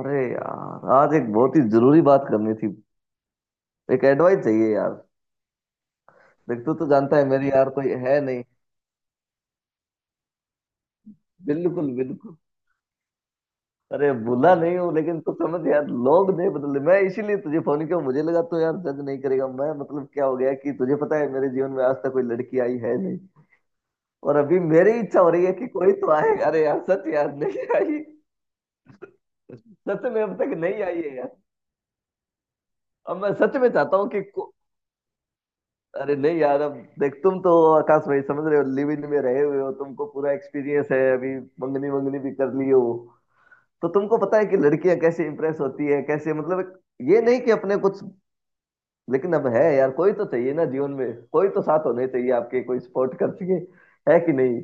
अरे यार, आज एक बहुत ही जरूरी बात करनी थी। एक एडवाइस चाहिए यार। देख तू तो जानता है मेरी यार कोई है नहीं। बिल्कुल बिल्कुल। अरे भूला नहीं हूँ लेकिन तू समझ यार, लोग नहीं बदले। मैं इसीलिए तुझे फोन किया, मुझे लगा तो यार जज नहीं करेगा। मैं मतलब क्या हो गया कि तुझे पता है मेरे जीवन में आज तक कोई लड़की आई है नहीं। और अभी मेरी इच्छा हो रही है कि कोई तो आए। अरे यार सच यार नहीं आई। सच में अब तक नहीं आई है यार। अब मैं सच में चाहता हूँ अरे नहीं यार अब। देख तुम तो आकाश भाई समझ रहे हो, लिव इन में रहे हुए हो, तुमको पूरा एक्सपीरियंस है अभी। मंगनी मंगनी भी कर ली हो तो तुमको पता है कि लड़कियां कैसे इंप्रेस होती है, कैसे मतलब ये नहीं कि अपने कुछ। लेकिन अब है यार, कोई तो चाहिए ना जीवन में, कोई तो साथ होने चाहिए आपके, कोई सपोर्ट कर सके। है कि नहीं।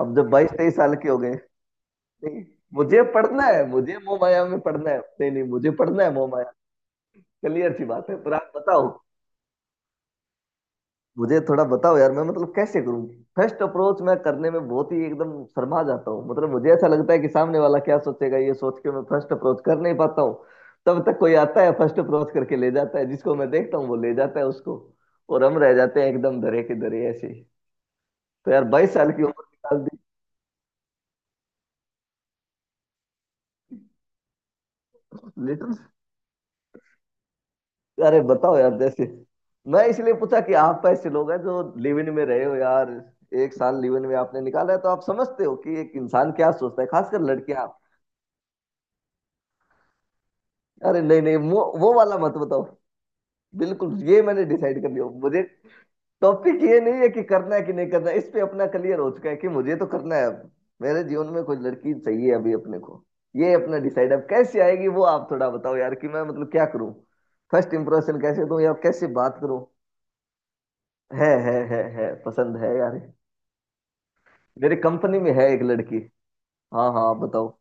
अब जब 22-23 साल के हो गए। नहीं, मुझे पढ़ना है, मुझे मोह माया में पढ़ना है, नहीं नहीं, मुझे पढ़ना है मोह माया। क्लियर सी बात है, पर आप बताओ। मुझे थोड़ा बताओ यार, मैं मतलब कैसे करूं। फर्स्ट अप्रोच मैं करने में बहुत ही एकदम शर्मा जाता हूँ, मतलब मुझे ऐसा लगता है कि सामने वाला क्या सोचेगा, ये सोच के मैं फर्स्ट अप्रोच कर नहीं पाता हूँ। तब तक कोई आता है, फर्स्ट अप्रोच करके ले जाता है, जिसको मैं देखता हूँ वो ले जाता है उसको। और हम रह जाते हैं एकदम धरे के धरे ऐसे ही। तो यार 22 साल की उम्र निकाल दी। लिटिल। अरे बताओ यार, जैसे मैं इसलिए पूछा कि आप ऐसे लोग हैं जो लिव इन में रहे हो यार। एक साल लिव इन में आपने निकाला है, तो आप समझते हो कि एक इंसान क्या सोचता है, खासकर लड़कियां। अरे नहीं नहीं, वो वाला मत बताओ। बिल्कुल, ये मैंने डिसाइड कर लिया मुझे। टॉपिक ये नहीं है कि करना है कि नहीं करना है, इस पे अपना क्लियर हो चुका है कि मुझे तो करना है अब। मेरे जीवन में कोई लड़की चाहिए अभी अपने को, ये अपना डिसाइड। अब कैसे आएगी वो आप थोड़ा बताओ यार, कि मैं मतलब क्या करूं, फर्स्ट इंप्रेशन कैसे दूं या कैसे बात करूं। है, पसंद है यार। मेरे कंपनी में है एक लड़की। हाँ हाँ आप बताओ।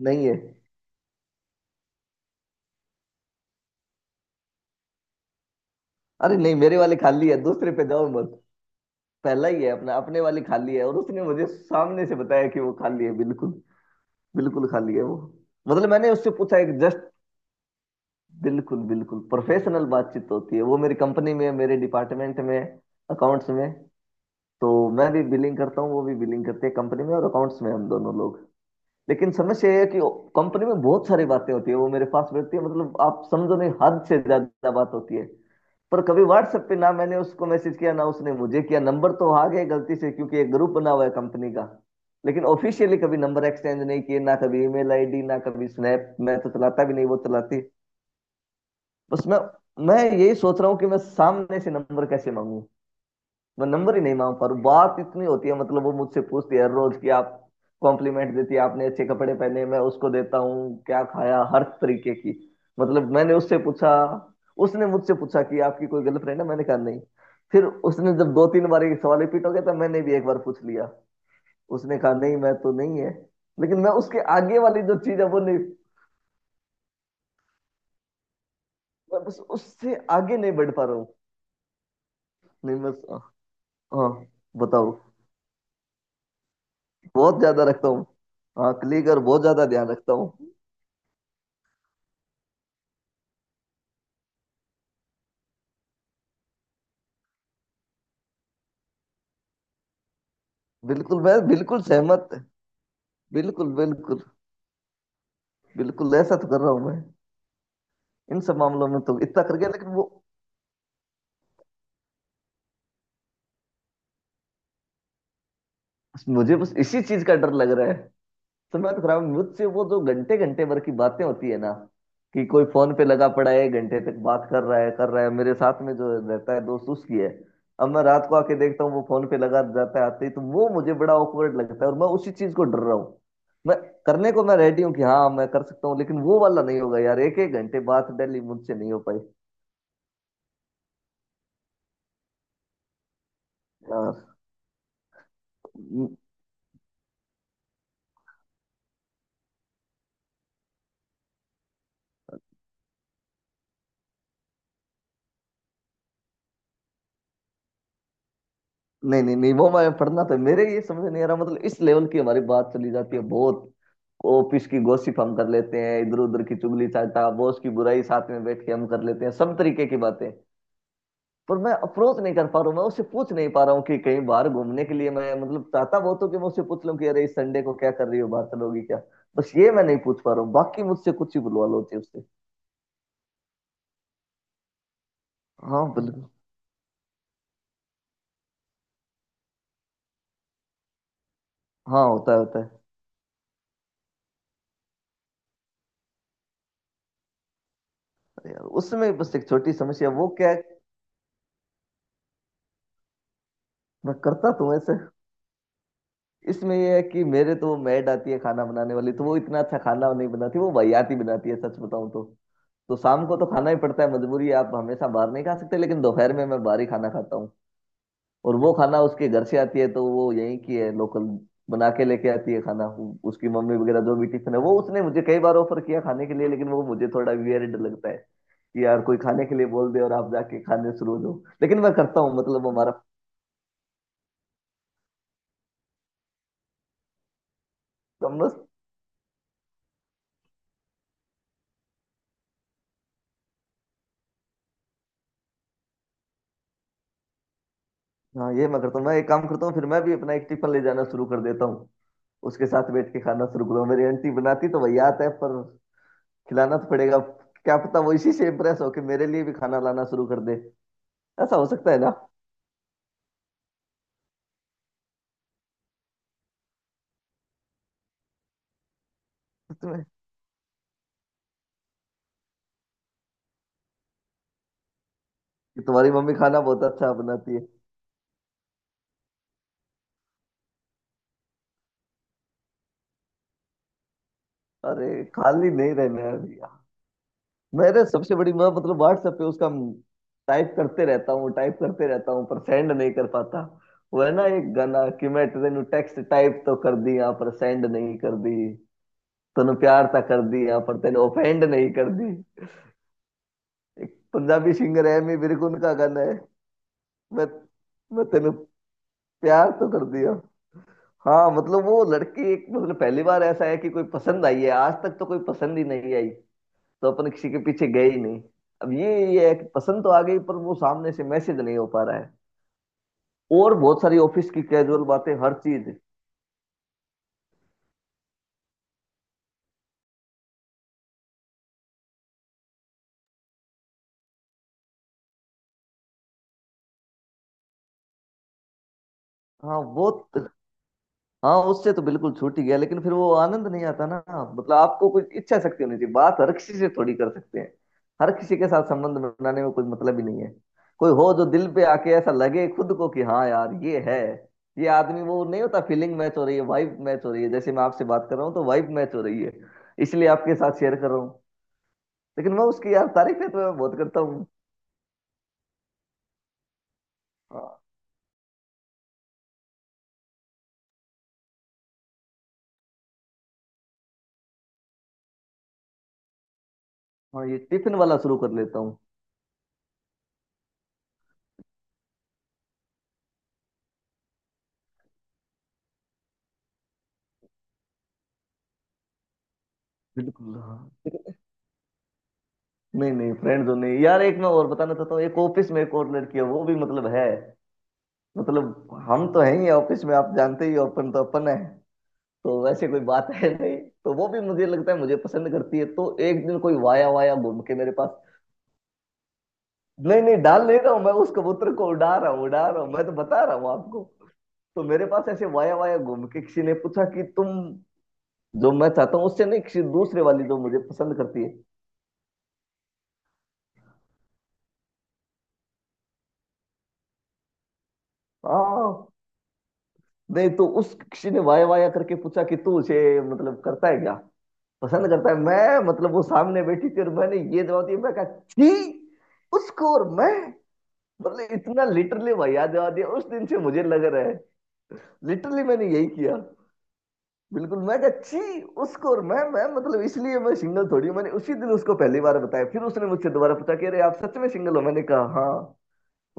नहीं है। अरे नहीं, मेरे वाले खाली है, दूसरे पे जाओ मत। पहला ही है अपना, अपने वाली खाली है, और उसने मुझे सामने से बताया कि वो खाली है, बिल्कुल। बिल्कुल खाली है वो। मतलब मैंने उससे पूछा एक जस्ट, बिल्कुल बिल्कुल प्रोफेशनल बातचीत होती है, वो मेरी कंपनी में है, मेरे डिपार्टमेंट में है, अकाउंट्स में। तो मैं भी बिलिंग करता हूँ, वो भी बिलिंग करते हैं कंपनी में, और अकाउंट्स में हम दोनों लोग। लेकिन समस्या ये है कि कंपनी में बहुत सारी बातें होती है वो मेरे पास रहती है, मतलब आप समझो नहीं, हद से ज्यादा बात होती है। पर कभी व्हाट्सएप पे ना मैंने उसको मैसेज किया ना उसने मुझे किया। नंबर तो आ गए गलती से, क्योंकि एक ग्रुप बना हुआ है कंपनी का, लेकिन ऑफिशियली कभी नंबर एक्सचेंज नहीं किए, ना कभी ईमेल आईडी, ना कभी स्नैप। मैं तो चलाता भी नहीं, वो चलाती। बस मैं यही सोच रहा हूँ कि मैं सामने से नंबर कैसे मांगू। मैं नंबर ही नहीं मांग पा रहा हूँ। बात इतनी होती है, मतलब वो मुझसे पूछती है रोज कि आप, कॉम्प्लीमेंट देती है आपने अच्छे कपड़े पहने, मैं उसको देता हूँ, क्या खाया, हर तरीके की। मतलब मैंने उससे पूछा, उसने मुझसे पूछा कि आपकी कोई गर्लफ्रेंड है, मैंने कहा नहीं। फिर उसने जब दो तीन बार ये सवाल रिपीट हो गया, तो मैंने भी एक बार पूछ लिया, उसने कहा नहीं मैं तो नहीं है। लेकिन मैं उसके आगे वाली जो चीज है वो नहीं। मैं बस उससे आगे नहीं बढ़ पा रहा हूँ। नहीं बस। हाँ बताओ। बहुत ज्यादा रखता हूँ। हाँ क्लिक, और बहुत ज्यादा ध्यान रखता हूँ। बिल्कुल, मैं बिल्कुल सहमत। बिल्कुल बिल्कुल। बिल्कुल ऐसा तो कर रहा हूं मैं। इन सब मामलों में तो इतना कर गया, लेकिन वो। मुझे बस इसी चीज का डर लग रहा है। समय तो खराब है। मुझसे वो जो घंटे घंटे भर की बातें होती है ना, कि कोई फोन पे लगा पड़ा है घंटे तक बात कर रहा है, कर रहा है। मेरे साथ में जो रहता है दोस्त, उसकी है। अब मैं रात को आके देखता हूँ, वो फोन पे लगा जाता है आते ही, तो वो मुझे बड़ा ऑकवर्ड लगता है, और मैं उसी चीज को डर रहा हूँ। मैं करने को मैं रेडी हूँ कि हाँ मैं कर सकता हूँ, लेकिन वो वाला नहीं होगा यार, एक एक घंटे बात डेली मुझसे नहीं हो पाई। आ, न- नहीं नहीं नहीं, वो मैं पढ़ना, तो मेरे ये समझ नहीं आ रहा मतलब। इस लेवल की हमारी बात चली जाती है बहुत, ऑफिस की गॉसिप हम कर लेते हैं, इधर उधर की चुगली चाटा, बॉस की बुराई साथ में बैठ के हम कर लेते हैं सब तरीके की बातें। पर मैं अप्रोच नहीं कर पा रहा हूँ, मैं उससे पूछ नहीं पा रहा हूँ कि कहीं बाहर घूमने के लिए, मैं मतलब चाहता बहुत हूँ कि मैं उससे पूछ लूँ कि अरे इस संडे को क्या कर रही हो, बाहर चलोगी क्या। बस ये मैं नहीं पूछ पा रहा हूँ, बाकी मुझसे कुछ ही बुलवा लो, होती है उससे। हाँ बिल्कुल। हाँ होता है होता है। अरे यार, उसमें बस एक छोटी समस्या। वो क्या है, मैं करता तो हूँ ऐसे, इसमें ये है कि मेरे तो वो मैड आती है खाना बनाने वाली, तो वो इतना अच्छा खाना नहीं बनाती, वो वाहियात ही बनाती है सच बताऊं तो। तो शाम को तो खाना ही पड़ता है मजबूरी है, आप हमेशा बाहर नहीं खा सकते, लेकिन दोपहर में मैं बाहर ही खाना खाता हूँ। और वो खाना उसके घर से आती है, तो वो यहीं की है लोकल, बना के लेके आती है खाना। उसकी मम्मी वगैरह, जो भी टिफिन है, वो उसने मुझे कई बार ऑफर किया खाने के लिए, लेकिन वो मुझे थोड़ा वियर्ड लगता है कि यार कोई खाने के लिए बोल दे और आप जाके खाने शुरू हो जाओ। लेकिन मैं करता हूँ मतलब। हमारा। हाँ ये मैं करता हूँ, मैं एक काम करता हूँ, फिर मैं भी अपना एक टिफिन ले जाना शुरू कर देता हूँ, उसके साथ बैठ के खाना शुरू करूँ। मेरी आंटी बनाती तो वही आता है, पर खिलाना तो पड़ेगा। क्या पता वो इसी से इम्प्रेस होके मेरे लिए भी खाना लाना शुरू कर दे, ऐसा हो सकता है ना। तुम्हें कि तुम्हारी मम्मी खाना बहुत अच्छा बनाती है। अरे खाली नहीं रहना है भैया। मेरे सबसे बड़ी मैं मतलब व्हाट्सएप पे उसका, टाइप करते रहता हूँ टाइप करते रहता हूँ पर सेंड नहीं कर पाता। वो है ना एक गाना कि मैं तेनू टेक्स्ट टाइप तो कर दी यहाँ, पर सेंड नहीं कर दी, तूने प्यार ता कर दिया पर तूने ऑफेंड नहीं कर दी। एक पंजाबी सिंगर है एमी विर्क, उनका गाना है। मैं, तूने प्यार तो कर दिया। हाँ मतलब वो लड़की, एक मतलब पहली बार ऐसा है कि कोई पसंद आई है, आज तक तो कोई पसंद ही नहीं आई, तो अपन किसी के पीछे गए ही नहीं। अब ये है कि पसंद तो आ गई पर वो सामने से मैसेज नहीं हो पा रहा है, और बहुत सारी ऑफिस की कैजुअल बातें, हर चीज। हाँ बहुत। हाँ उससे तो बिल्कुल छूट ही गया, लेकिन फिर वो आनंद नहीं आता ना। मतलब आपको कुछ इच्छा शक्ति होनी चाहिए, बात हर किसी से थोड़ी कर सकते हैं, हर किसी के साथ संबंध बनाने में कोई मतलब ही नहीं है। कोई हो जो दिल पे आके ऐसा लगे खुद को कि हाँ यार ये है, ये आदमी। वो नहीं होता, फीलिंग मैच हो रही है, वाइब मैच हो रही है, जैसे मैं आपसे बात कर रहा हूँ तो वाइब मैच हो रही है, इसलिए आपके साथ शेयर कर रहा हूँ। लेकिन मैं उसकी यार तारीफ है तो मैं बहुत करता हूँ। हाँ हाँ, ये टिफिन वाला शुरू कर लेता हूँ। बिल्कुल हाँ। नहीं नहीं फ्रेंड जोन नहीं यार, एक मैं और बताना चाहता हूँ, एक ऑफिस में एक और लड़की है वो भी मतलब है। मतलब हम तो हैं ही ऑफिस में, आप जानते ही हो, अपन तो अपन है। तो वैसे कोई बात है नहीं। तो वो भी मुझे लगता है मुझे पसंद करती है, तो एक दिन कोई वाया वाया घूम के मेरे पास, नहीं नहीं डाल नहीं रहा हूँ मैं, उस कबूतर को उड़ा रहा हूँ मैं, तो बता रहा हूँ आपको। तो मेरे पास ऐसे वाया वाया घूम के किसी ने पूछा कि तुम, जो मैं चाहता हूँ उससे नहीं, किसी दूसरे वाली जो मुझे पसंद करती है। हाँ नहीं। तो उस किसी ने वाया वाया करके पूछा कि तू उसे मतलब करता है क्या, पसंद करता है। मैं मतलब वो सामने बैठी थी और मैंने ये जवाब दिया। मैं कहा छी उसको, और मैं मतलब इतना लिटरली वाया जवाब दिया। उस दिन से मुझे लग रहा है लिटरली मैंने यही किया। बिल्कुल मैं कहा छी उसको और मैं मतलब इसलिए मैं सिंगल थोड़ी हूँ। मैंने उसी दिन उसको पहली बार बताया। फिर उसने मुझसे दोबारा पूछा कि अरे आप सच में सिंगल हो? मैंने कहा हाँ।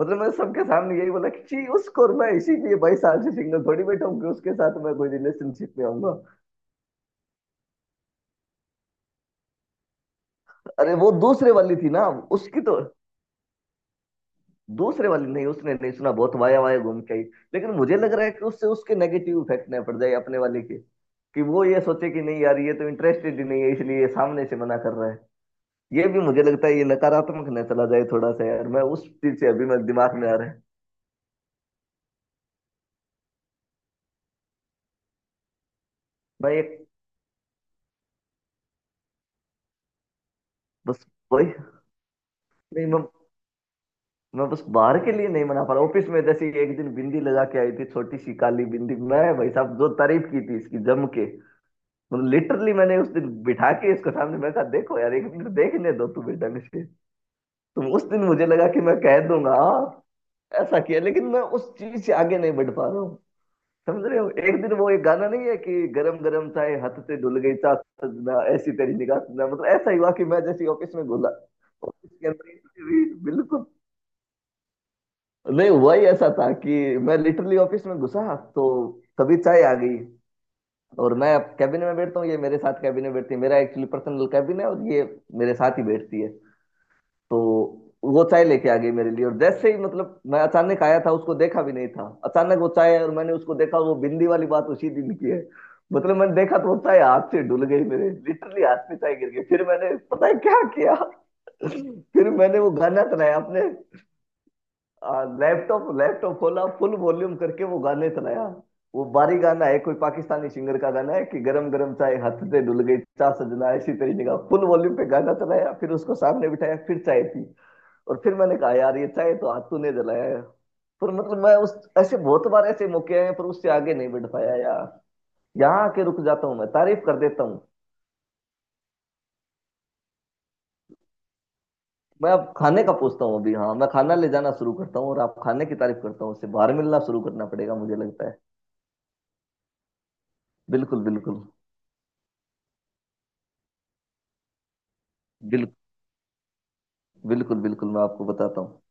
मतलब मैं सबके सामने यही बोला कि छी उसको, और मैं इसीलिए बाईस साल से सिंगल थोड़ी बैठा हूँ कि उसके साथ मैं कोई रिलेशनशिप में आऊंगा। अरे वो दूसरे वाली थी ना, उसकी तो दूसरे वाली नहीं, उसने नहीं सुना, बहुत वाया वाया घूम के आई। लेकिन मुझे लग रहा है कि उससे उसके नेगेटिव इफेक्ट ना पड़ जाए अपने वाले के। कि वो ये सोचे कि नहीं यार ये तो इंटरेस्टेड ही नहीं है, इसलिए ये सामने से मना कर रहा है। ये भी मुझे लगता है, ये नकारात्मक न चला जाए थोड़ा सा यार। मैं उस चीज से अभी मैं दिमाग में आ रहा है। मैं एक बस वही। नहीं मैं बस बाहर के लिए नहीं मना पा रहा। ऑफिस में जैसे एक दिन बिंदी लगा के आई थी, छोटी सी काली बिंदी, मैं भाई साहब जो तारीफ की थी इसकी जम के। मतलब लिटरली मैंने उस दिन बिठा के इसको सामने, मैं कहा देखो यार एक मिनट देखने दो तुम्हें ढंग से तुम उस दिन मुझे लगा कि मैं कह दूंगा हाँ। ऐसा किया, लेकिन मैं उस चीज से आगे नहीं बढ़ पा रहा हूँ, समझ रहे हो। एक दिन वो एक गाना नहीं है कि गरम गरम चाय हाथ से धुल गई चाह सजना, ऐसी तेरी निगाह सजना। मतलब ऐसा ही हुआ कि मैं जैसे ऑफिस में घुला, ऑफिस के अंदर ही। बिल्कुल, नहीं हुआ ही ऐसा था कि मैं लिटरली ऑफिस में घुसा तो तभी चाय आ गई। और मैं अब कैबिन में बैठता हूँ, ये मेरे साथ कैबिन में बैठती है, मेरा एक्चुअली पर्सनल कैबिन है और ये मेरे साथ ही बैठती है। तो वो चाय लेके आ गई मेरे लिए, और जैसे ही मतलब मैं अचानक आया था, उसको देखा भी नहीं था, अचानक वो चाय और मैंने उसको देखा। वो बिंदी वाली बात उसी दिन की है। मतलब मैंने देखा तो वो चाय हाथ से डुल गई मेरे, लिटरली हाथ से चाय गिर गई। फिर मैंने पता है क्या किया? फिर मैंने वो गाना चलाया अपने लैपटॉप लैपटॉप खोला, फुल वॉल्यूम करके वो गाने सुनाया। वो बारी गाना है, कोई पाकिस्तानी सिंगर का गाना है कि गरम गरम चाय हाथ से डुल गई चा सजना, इसी तरीके का। फुल वॉल्यूम पे गाना चलाया, फिर उसको सामने बिठाया, फिर चाय पी। और फिर मैंने कहा यार ये चाय तो हाथ तूने जलाया है। पर मतलब मैं उस ऐसे बहुत बार ऐसे मौके आए हैं, पर उससे आगे नहीं बढ़ पाया यार। यहाँ आके रुक जाता हूँ, मैं तारीफ कर देता हूँ। मैं अब खाने का पूछता हूँ अभी, हाँ मैं खाना ले जाना शुरू करता हूँ और आप खाने की तारीफ करता हूँ। उससे बाहर मिलना शुरू करना पड़ेगा मुझे लगता है। बिल्कुल बिल्कुल। बिल, बिल्कुल बिल्कुल, मैं आपको बताता हूँ।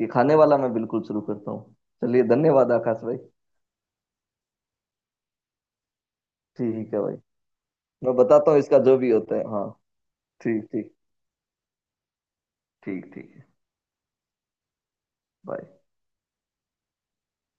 ये खाने वाला मैं बिल्कुल शुरू करता हूँ। चलिए, धन्यवाद आकाश भाई। ठीक है भाई, मैं बताता हूँ इसका जो भी होता है, हाँ। ठीक ठीक, ठीक ठीक है। बाय।